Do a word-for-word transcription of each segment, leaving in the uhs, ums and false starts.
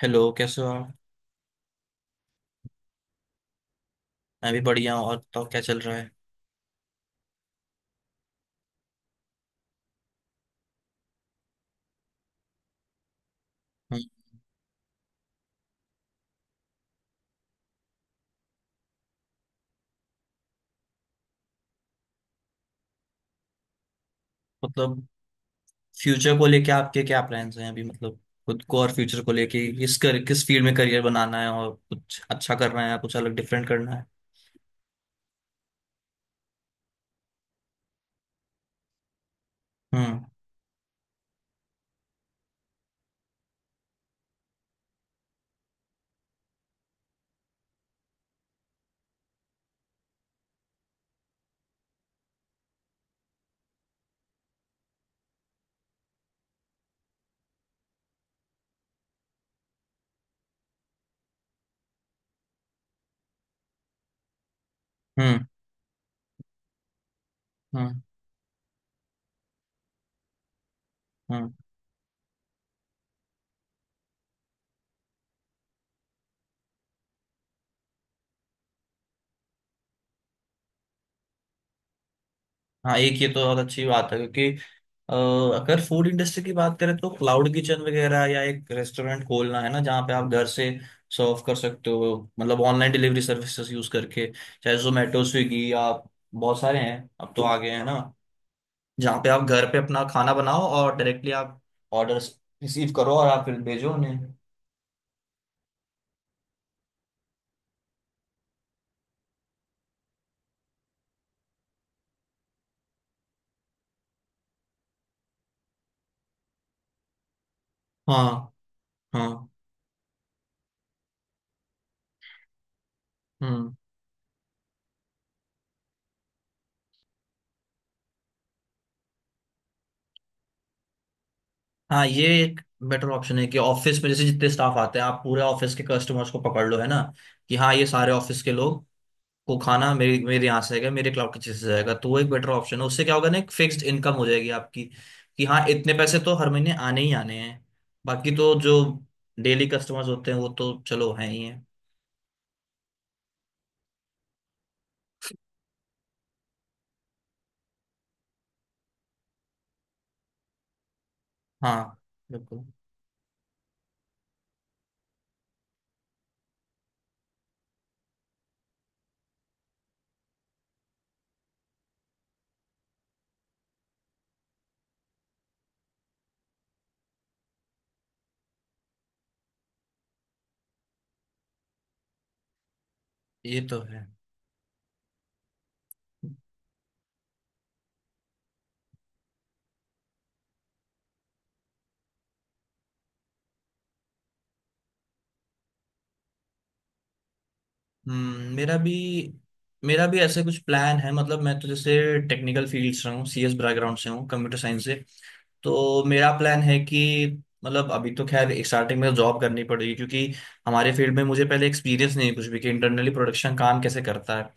Hello, कैसे हो आप। मैं भी बढ़िया हूँ। और बताओ, क्या चल रहा है। हम्म। मतलब फ्यूचर को लेके आपके क्या प्लान्स हैं अभी। मतलब खुद को और फ्यूचर को लेके किस कर किस फील्ड में करियर बनाना है और कुछ अच्छा करना है, कुछ अलग डिफरेंट करना है। हम्म। हम्म। हम्म। हम्म। हाँ, एक ये तो बहुत अच्छी बात है, क्योंकि अ, अगर फूड इंडस्ट्री की बात करें तो क्लाउड किचन वगैरह या एक रेस्टोरेंट खोलना है ना, जहाँ पे आप घर से सर्व कर सकते हो। मतलब ऑनलाइन डिलीवरी सर्विसेज यूज करके, चाहे जोमेटो, स्विगी, आप बहुत सारे हैं अब तो आ गए हैं ना, जहाँ पे आप घर पे अपना खाना बनाओ और डायरेक्टली आप ऑर्डर रिसीव करो और आप फिर भेजो उन्हें। हाँ। हाँ। हम्म। हाँ, ये एक बेटर ऑप्शन है कि ऑफिस में जैसे जितने स्टाफ आते हैं आप पूरे ऑफिस के कस्टमर्स को पकड़ लो है ना। कि हाँ ये सारे ऑफिस के लोग को खाना मेरे मेरे यहाँ से आएगा, मेरे क्लाउड किचन से जाएगा, तो वो एक बेटर ऑप्शन है। उससे क्या होगा ना, एक फिक्स्ड इनकम हो जाएगी आपकी। कि हाँ इतने पैसे तो हर महीने आने ही आने हैं। बाकी तो जो डेली कस्टमर्स होते हैं वो तो चलो हैं ही हैं। हाँ। बिल्कुल। ये तो है। हम्म, मेरा भी मेरा भी ऐसे कुछ प्लान है। मतलब मैं तो जैसे टेक्निकल फील्ड से हूँ, सीएस बैकग्राउंड से हूँ, कंप्यूटर साइंस से। तो मेरा प्लान है कि मतलब अभी तो खैर स्टार्टिंग में जॉब करनी पड़ेगी, क्योंकि हमारे फील्ड में मुझे पहले एक्सपीरियंस नहीं है कुछ भी कि इंटरनली प्रोडक्शन काम कैसे करता है।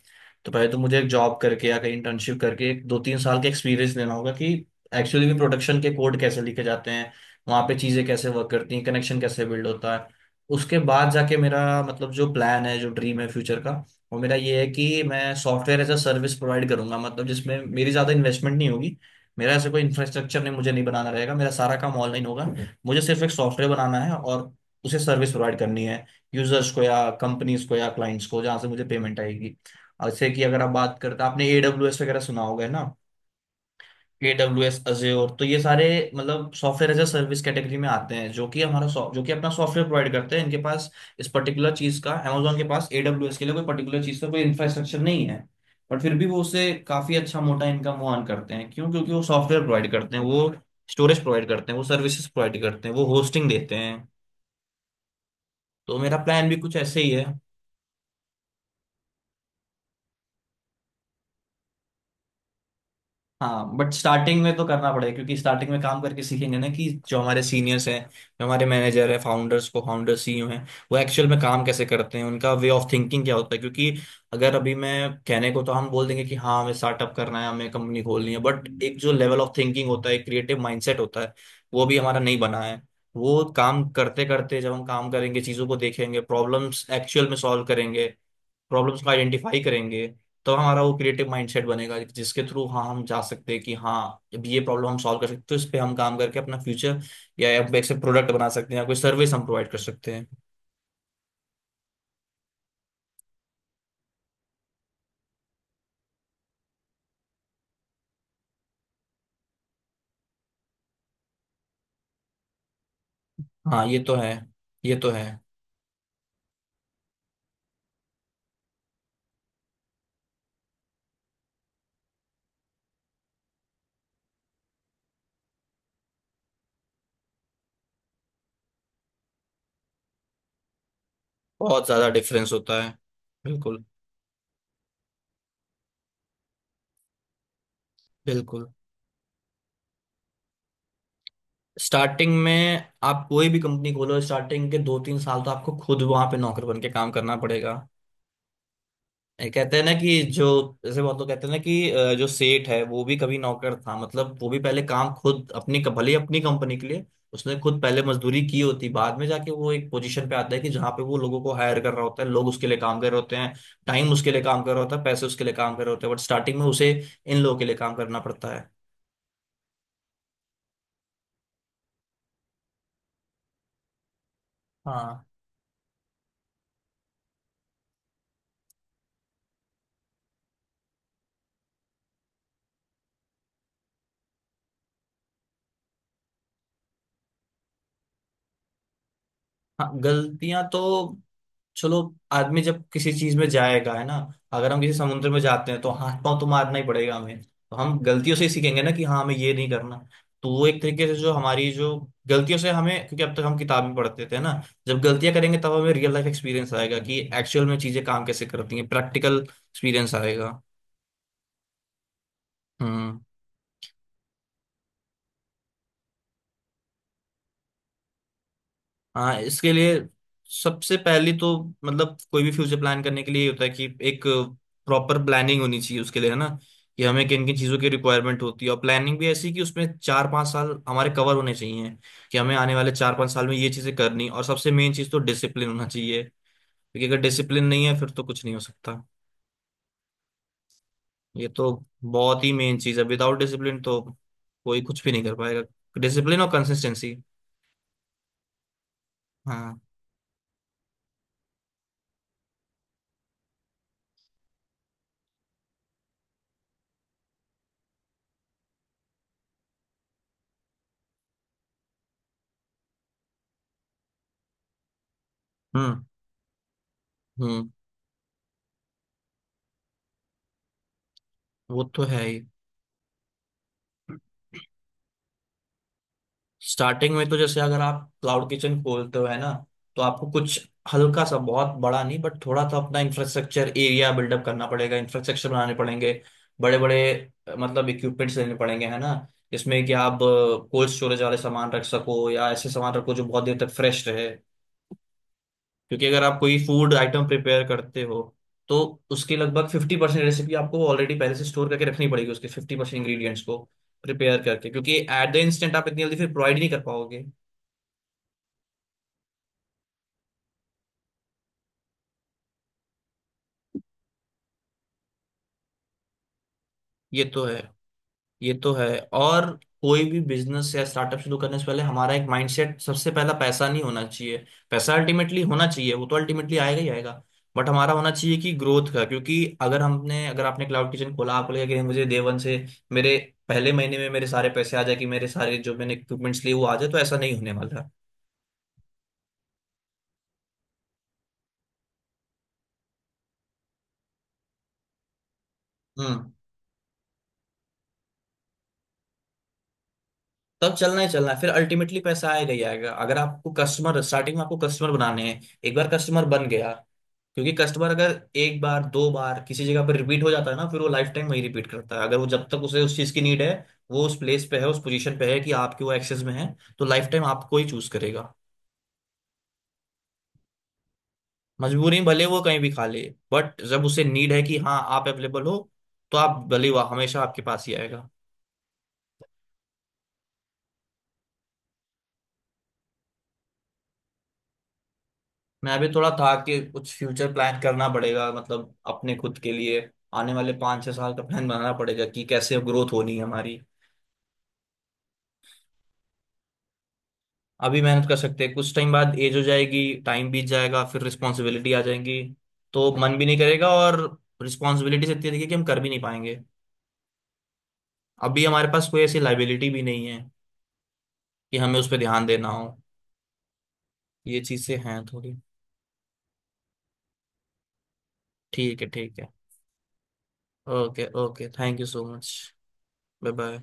तो पहले तो मुझे एक जॉब करके या कहीं इंटर्नशिप करके एक दो तीन साल का एक्सपीरियंस लेना होगा कि एक्चुअली में प्रोडक्शन के कोड कैसे लिखे जाते हैं, वहाँ पे चीज़ें कैसे वर्क करती हैं, कनेक्शन कैसे बिल्ड होता है। उसके बाद जाके मेरा मतलब जो प्लान है, जो ड्रीम है फ्यूचर का, वो मेरा ये है कि मैं software as a service provide करूंगा। मतलब जिसमें मेरी ज़्यादा इन्वेस्टमेंट नहीं होगी, मेरा ऐसे कोई इंफ्रास्ट्रक्चर नहीं मुझे नहीं बनाना रहेगा, मेरा सारा काम ऑनलाइन होगा। मुझे सिर्फ एक सॉफ्टवेयर बनाना है और उसे सर्विस प्रोवाइड करनी है यूजर्स को या कंपनीज को या क्लाइंट्स को, जहाँ से मुझे पेमेंट आएगी। और जैसे कि अगर आप बात करते आपने एडब्ल्यूएस वगैरह सुना होगा है ना, A W S Azure, तो ये सारे मतलब software as a service category में आते हैं जो कि हमारा सॉ- जो कि अपना सॉफ्टवेयर प्रोवाइड करते हैं। इनके पास इस पर्टिकुलर चीज का, Amazon के पास A W S के लिए कोई पर्टिकुलर चीज का कोई इंफ्रास्ट्रक्चर नहीं है। बट फिर भी वो उससे काफी अच्छा मोटा इनकम वो अर्न करते हैं। क्यों? क्योंकि वो सॉफ्टवेयर प्रोवाइड करते हैं, वो स्टोरेज प्रोवाइड करते हैं, वो सर्विसेज प्रोवाइड करते हैं, वो होस्टिंग देते हैं। तो मेरा प्लान भी कुछ ऐसे ही है। हाँ बट स्टार्टिंग में तो करना पड़ेगा, क्योंकि स्टार्टिंग में काम करके सीखेंगे ना कि जो हमारे सीनियर्स हैं, जो हमारे मैनेजर हैं, फाउंडर्स को फाउंडर सीईओ हैं, वो एक्चुअल में काम कैसे करते हैं, उनका वे ऑफ थिंकिंग क्या होता है। क्योंकि अगर अभी मैं कहने को तो हम बोल देंगे कि हाँ हमें स्टार्टअप करना है, हमें कंपनी खोलनी है, बट एक जो लेवल ऑफ थिंकिंग होता है, क्रिएटिव माइंडसेट होता है, वो भी हमारा नहीं बना है। वो काम करते करते जब हम काम करेंगे, चीज़ों को देखेंगे, प्रॉब्लम्स एक्चुअल में सॉल्व करेंगे, प्रॉब्लम्स को आइडेंटिफाई करेंगे, तो हमारा वो क्रिएटिव माइंडसेट बनेगा, जिसके थ्रू हाँ हम जा सकते हैं कि हाँ अब ये प्रॉब्लम हम सॉल्व कर सकते हैं, तो इस पे हम काम करके अपना फ्यूचर या या से प्रोडक्ट बना सकते हैं या कोई सर्विस हम प्रोवाइड कर सकते हैं। हाँ। ये तो है। ये तो है। बहुत ज़्यादा डिफरेंस होता है। बिल्कुल। बिल्कुल। स्टार्टिंग में आप कोई भी कंपनी खोलो, स्टार्टिंग के दो तीन साल तो आपको खुद वहां पे नौकर बन के काम करना पड़ेगा। ये कहते हैं ना कि जो जैसे बहुत लोग कहते हैं ना कि अ, जो सेठ है वो भी कभी नौकर था। मतलब वो भी पहले काम खुद अपनी भले ही अपनी कंपनी के लिए उसने खुद पहले मजदूरी की होती, बाद में जाके वो एक पोजीशन पे आता है कि जहाँ पे वो लोगों को हायर कर रहा होता है, लोग उसके लिए काम कर रहे होते हैं, टाइम उसके लिए काम कर रहा होता है, पैसे उसके लिए काम कर रहे होते हैं, बट स्टार्टिंग में उसे इन लोगों के लिए काम करना पड़ता है। हाँ। हाँ गलतियां तो चलो आदमी जब किसी चीज में जाएगा है ना, अगर हम किसी समुद्र में जाते हैं तो हाथ पांव तो मारना ही पड़ेगा हमें, तो हम गलतियों से ही सीखेंगे ना कि हाँ हमें ये नहीं करना। तो वो एक तरीके से जो हमारी जो गलतियों से हमें, क्योंकि अब तक हम किताब में पढ़ते थे ना, जब गलतियां करेंगे तब हमें रियल लाइफ एक्सपीरियंस आएगा कि एक्चुअल में चीजें काम कैसे करती हैं, प्रैक्टिकल एक्सपीरियंस आएगा। हम्म। हाँ, इसके लिए सबसे पहली तो मतलब कोई भी फ्यूचर प्लान करने के लिए ये होता है कि एक प्रॉपर प्लानिंग होनी चाहिए उसके लिए है ना, कि हमें किन किन चीज़ों की रिक्वायरमेंट होती है और प्लानिंग भी ऐसी कि उसमें चार पाँच साल हमारे कवर होने चाहिए कि हमें आने वाले चार पाँच साल में ये चीज़ें करनी, और सबसे मेन चीज़ तो डिसिप्लिन होना चाहिए क्योंकि अगर डिसिप्लिन नहीं है फिर तो कुछ नहीं हो सकता। ये तो बहुत ही मेन चीज़ है। विदाउट डिसिप्लिन तो कोई कुछ भी नहीं कर पाएगा। डिसिप्लिन और कंसिस्टेंसी। हाँ। हम्म। हम्म। वो तो है ही। स्टार्टिंग में तो जैसे अगर आप क्लाउड किचन खोलते हो है ना, तो आपको कुछ हल्का सा, बहुत बड़ा नहीं बट थोड़ा सा अपना इंफ्रास्ट्रक्चर एरिया बिल्डअप करना पड़ेगा, इंफ्रास्ट्रक्चर बनाने पड़ेंगे बड़े बड़े, मतलब इक्विपमेंट्स लेने पड़ेंगे है ना, जिसमें कि आप कोल्ड स्टोरेज वाले सामान रख सको या ऐसे सामान रखो जो बहुत देर तक फ्रेश रहे, क्योंकि अगर आप कोई फूड आइटम प्रिपेयर करते हो तो उसकी लगभग फिफ्टी परसेंट रेसिपी आपको ऑलरेडी पहले से स्टोर करके रखनी पड़ेगी, उसके फिफ्टी परसेंट इंग्रीडियंट्स को प्रिपेयर करके, क्योंकि एट द इंस्टेंट आप इतनी जल्दी फिर प्रोवाइड नहीं कर पाओगे। ये तो है। ये तो है। और कोई भी बिजनेस या स्टार्टअप शुरू करने से पहले हमारा एक माइंडसेट सबसे पहला पैसा नहीं होना चाहिए। पैसा अल्टीमेटली होना चाहिए, वो तो अल्टीमेटली आएगा ही आएगा, बट हमारा होना चाहिए कि ग्रोथ का। क्योंकि अगर हमने अगर आपने क्लाउड किचन खोला आपको लगेगा कि मुझे डे वन से मेरे पहले महीने में मेरे सारे पैसे आ जाए कि मेरे सारे जो मैंने इक्विपमेंट्स लिए वो आ जाए, तो ऐसा नहीं होने वाला है। हम्म। तब चलना ही चलना है। फिर अल्टीमेटली पैसा आएगा ही आएगा। अगर आपको कस्टमर स्टार्टिंग में आपको कस्टमर बनाने हैं, एक बार कस्टमर बन गया, क्योंकि कस्टमर अगर एक बार दो बार किसी जगह पर रिपीट हो जाता है ना, फिर वो लाइफ टाइम वही रिपीट करता है, अगर वो, जब तक उसे उस चीज की नीड है, वो उस प्लेस पे है, उस पोजीशन पे है कि आपके वो एक्सेस में है, तो लाइफ टाइम आपको ही चूज करेगा। मजबूरी में भले वो कहीं भी खा ले, बट जब उसे नीड है कि हाँ आप अवेलेबल हो, तो आप भले वह हमेशा आपके पास ही आएगा। मैं भी थोड़ा था कि कुछ फ्यूचर प्लान करना पड़ेगा, मतलब अपने खुद के लिए आने वाले पाँच छह साल का प्लान बनाना पड़ेगा कि कैसे अब ग्रोथ होनी है हमारी। अभी मेहनत कर सकते हैं, कुछ टाइम बाद एज हो जाएगी, टाइम बीत जाएगा, फिर रिस्पॉन्सिबिलिटी आ जाएंगी तो मन भी नहीं करेगा और रिस्पॉन्सिबिलिटी से इतनी रहेगी कि हम कर भी नहीं पाएंगे। अभी हमारे पास कोई ऐसी लाइबिलिटी भी नहीं है कि हमें उस पर ध्यान देना हो। ये चीज़ें हैं थोड़ी। ठीक है, ठीक है। Okay, okay, thank you so much. Bye bye.